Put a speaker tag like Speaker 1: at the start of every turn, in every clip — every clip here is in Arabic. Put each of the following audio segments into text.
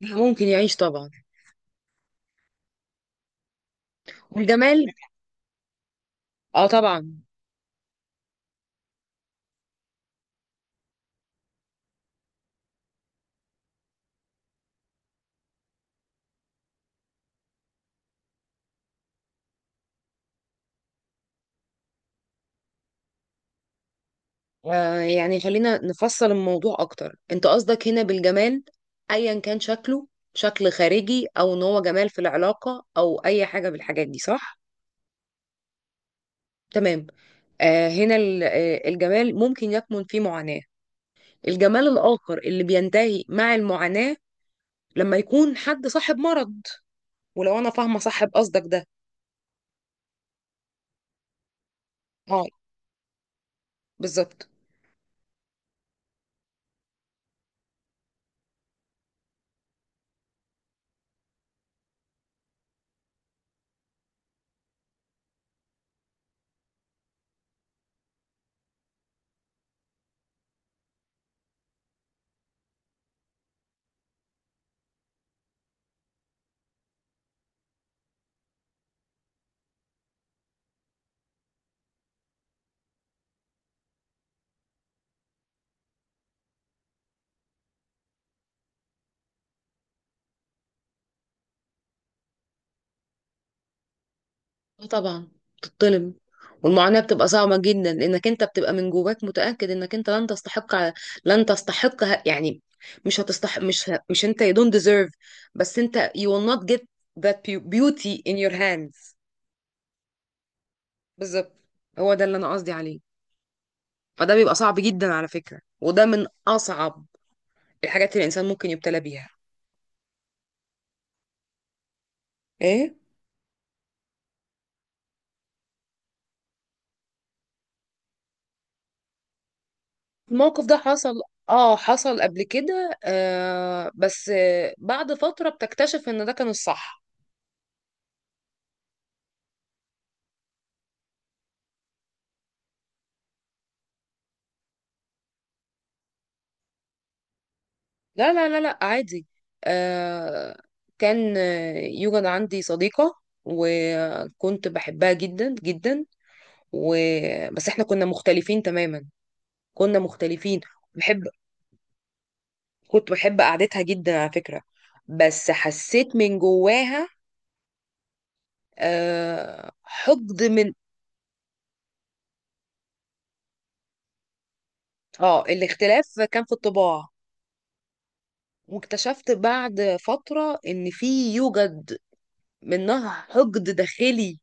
Speaker 1: ممكن يعيش طبعا. والجمال اه طبعا. يعني خلينا نفصل الموضوع اكتر، انت قصدك هنا بالجمال ايا كان شكله، شكل خارجي او ان هو جمال في العلاقة او اي حاجة بالحاجات دي، صح؟ تمام. آه هنا ال- آه، الجمال ممكن يكمن فيه معاناة. الجمال الاخر اللي بينتهي مع المعاناة، لما يكون حد صاحب مرض. ولو انا فاهمة صاحب قصدك ده. اه بالظبط. اه طبعا بتتظلم. والمعاناة بتبقى صعبة جدا، لأنك أنت بتبقى من جواك متأكد إنك أنت لن تستحق. لن تستحق يعني مش هتستحق، مش أنت you don't deserve، بس أنت you will not get that beauty in your hands. بالظبط. هو ده اللي أنا قصدي عليه. فده بيبقى صعب جدا على فكرة، وده من أصعب الحاجات اللي الإنسان ممكن يبتلى بيها. إيه؟ الموقف ده حصل. اه حصل قبل كده، بس بعد فترة بتكتشف إن ده كان الصح. لا لا لا لا عادي. آه كان آه، يوجد عندي صديقة، وكنت بحبها جدا جدا. و... بس احنا كنا مختلفين تماما، كنا مختلفين. بحب كنت بحب قعدتها جدا على فكرة. بس حسيت من جواها حقد من. اه الاختلاف كان في الطباع. واكتشفت بعد فترة ان في يوجد منها حقد داخلي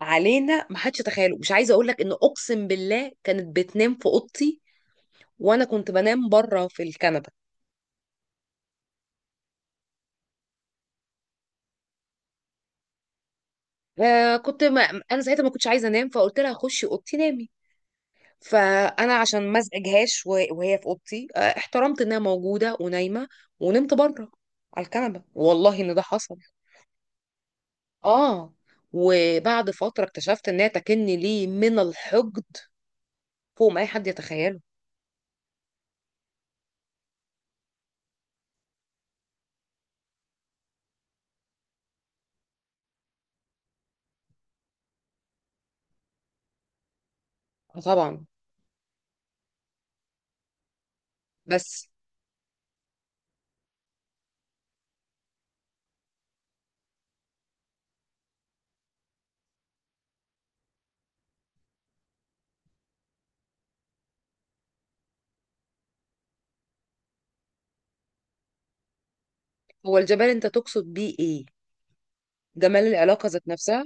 Speaker 1: علينا ما حدش تخيله. مش عايزه اقول لك، ان اقسم بالله كانت بتنام في اوضتي وانا كنت بنام بره في الكنبه. كنت، ما انا ساعتها ما كنتش عايزه انام، فقلت لها خشي اوضتي نامي. فانا عشان ما ازعجهاش وهي في اوضتي احترمت انها موجوده ونايمه. ونمت بره على الكنبه، والله ان ده حصل. اه. وبعد فتره اكتشفت انها تكني لي من الحقد فوق ما اي حد يتخيله. آه طبعا. بس هو الجمال انت تقصد بيه ايه؟ جمال العلاقه ذات نفسها؟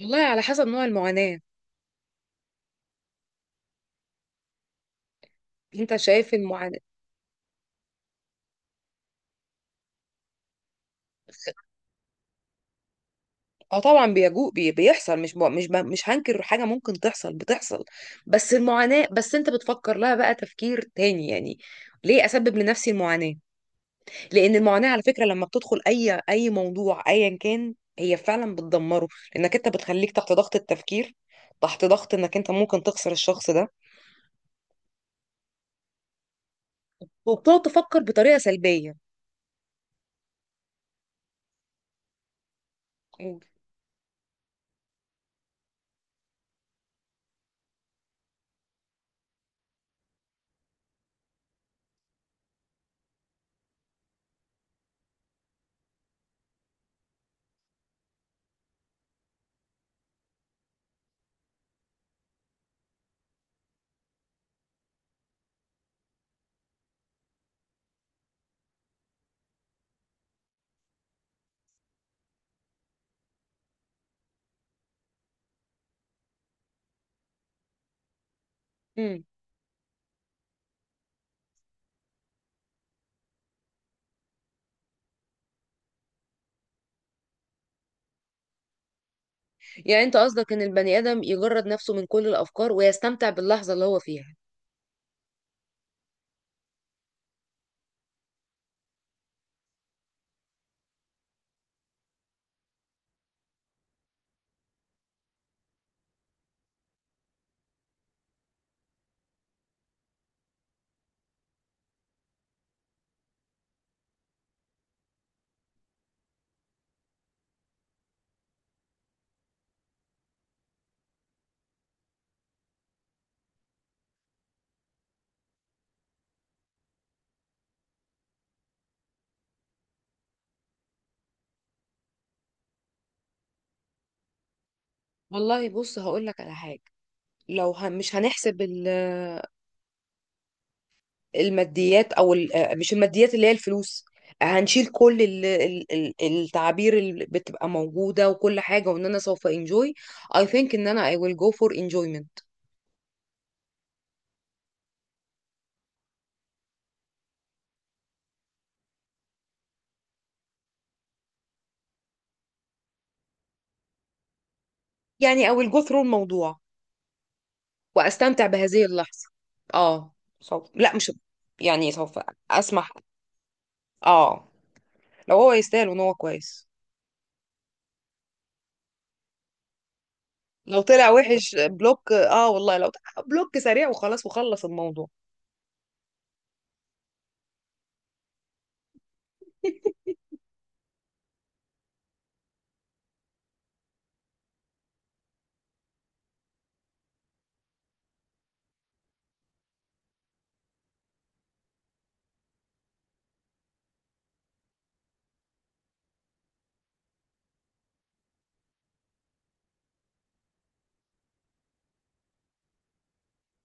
Speaker 1: والله على حسب نوع المعاناة. انت شايف المعاناة. اه طبعا، بيحصل. مش هنكر حاجة ممكن تحصل، بتحصل. بس المعاناة، بس انت بتفكر لها بقى تفكير تاني يعني. ليه اسبب لنفسي المعاناة؟ لان المعاناة على فكرة لما بتدخل اي موضوع ايا كان، هي فعلا بتدمره. لانك انت بتخليك تحت ضغط التفكير، تحت ضغط انك انت ممكن تخسر الشخص ده. وبتقعد تفكر بطريقة سلبية. قول. مم. يعني انت قصدك ان البني ادم يجرد نفسه من كل الافكار ويستمتع باللحظه اللي هو فيها؟ والله بص هقول لك على حاجة. لو هن مش هنحسب الماديات، او مش الماديات اللي هي الفلوس، هنشيل كل التعابير اللي بتبقى موجودة وكل حاجة، وان انا سوف انجوي. I think ان انا I will go for enjoyment. يعني I will go through الموضوع واستمتع بهذه اللحظة. اه. سوف لا مش يعني سوف اسمح. اه لو هو يستاهل وان هو كويس. لو طلع وحش بلوك. اه والله لو طلع بلوك سريع وخلاص وخلص الموضوع.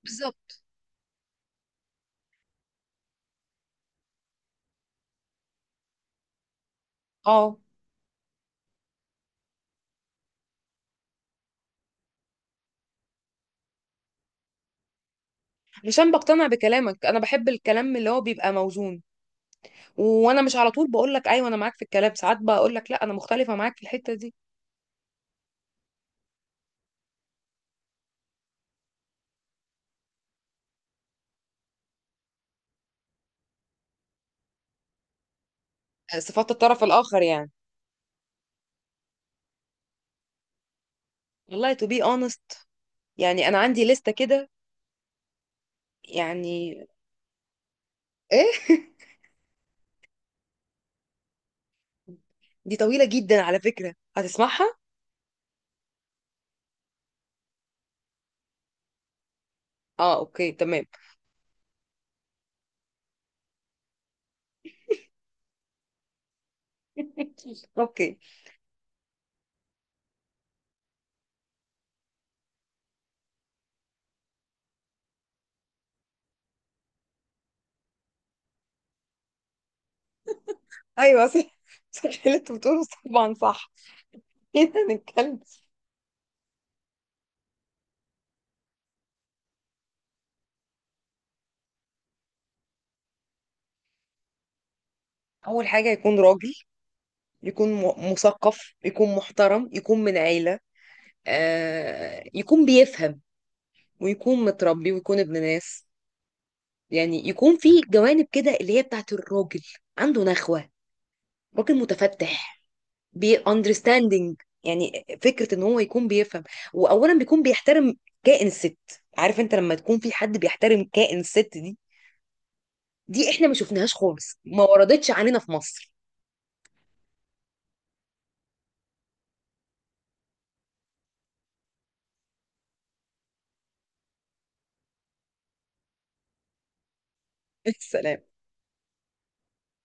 Speaker 1: بالظبط. اه عشان بقتنع بكلامك. انا بحب الكلام اللي هو بيبقى موزون، وانا مش على طول بقول لك ايوه انا معاك في الكلام، ساعات بقول لك لا انا مختلفه معاك في الحته دي. صفات الطرف الاخر يعني. والله to be honest، يعني انا عندي لستة كده. يعني ايه. دي طويله جدا على فكره، هتسمعها؟ اه اوكي تمام. اوكي. ايوه صح. صح اللي انت بتقوله طبعا صح. كده هنتكلم. اول حاجه يكون راجل، يكون مثقف، يكون محترم، يكون من عيله. يكون بيفهم، ويكون متربي، ويكون ابن ناس. يعني يكون في جوانب كده اللي هي بتاعت الراجل. عنده نخوه. راجل متفتح. بي understanding. يعني فكره ان هو يكون بيفهم، واولا بيكون بيحترم كائن الست. عارف انت لما تكون في حد بيحترم كائن الست دي؟ دي احنا ما شفناهاش خالص، ما وردتش علينا في مصر. السلام.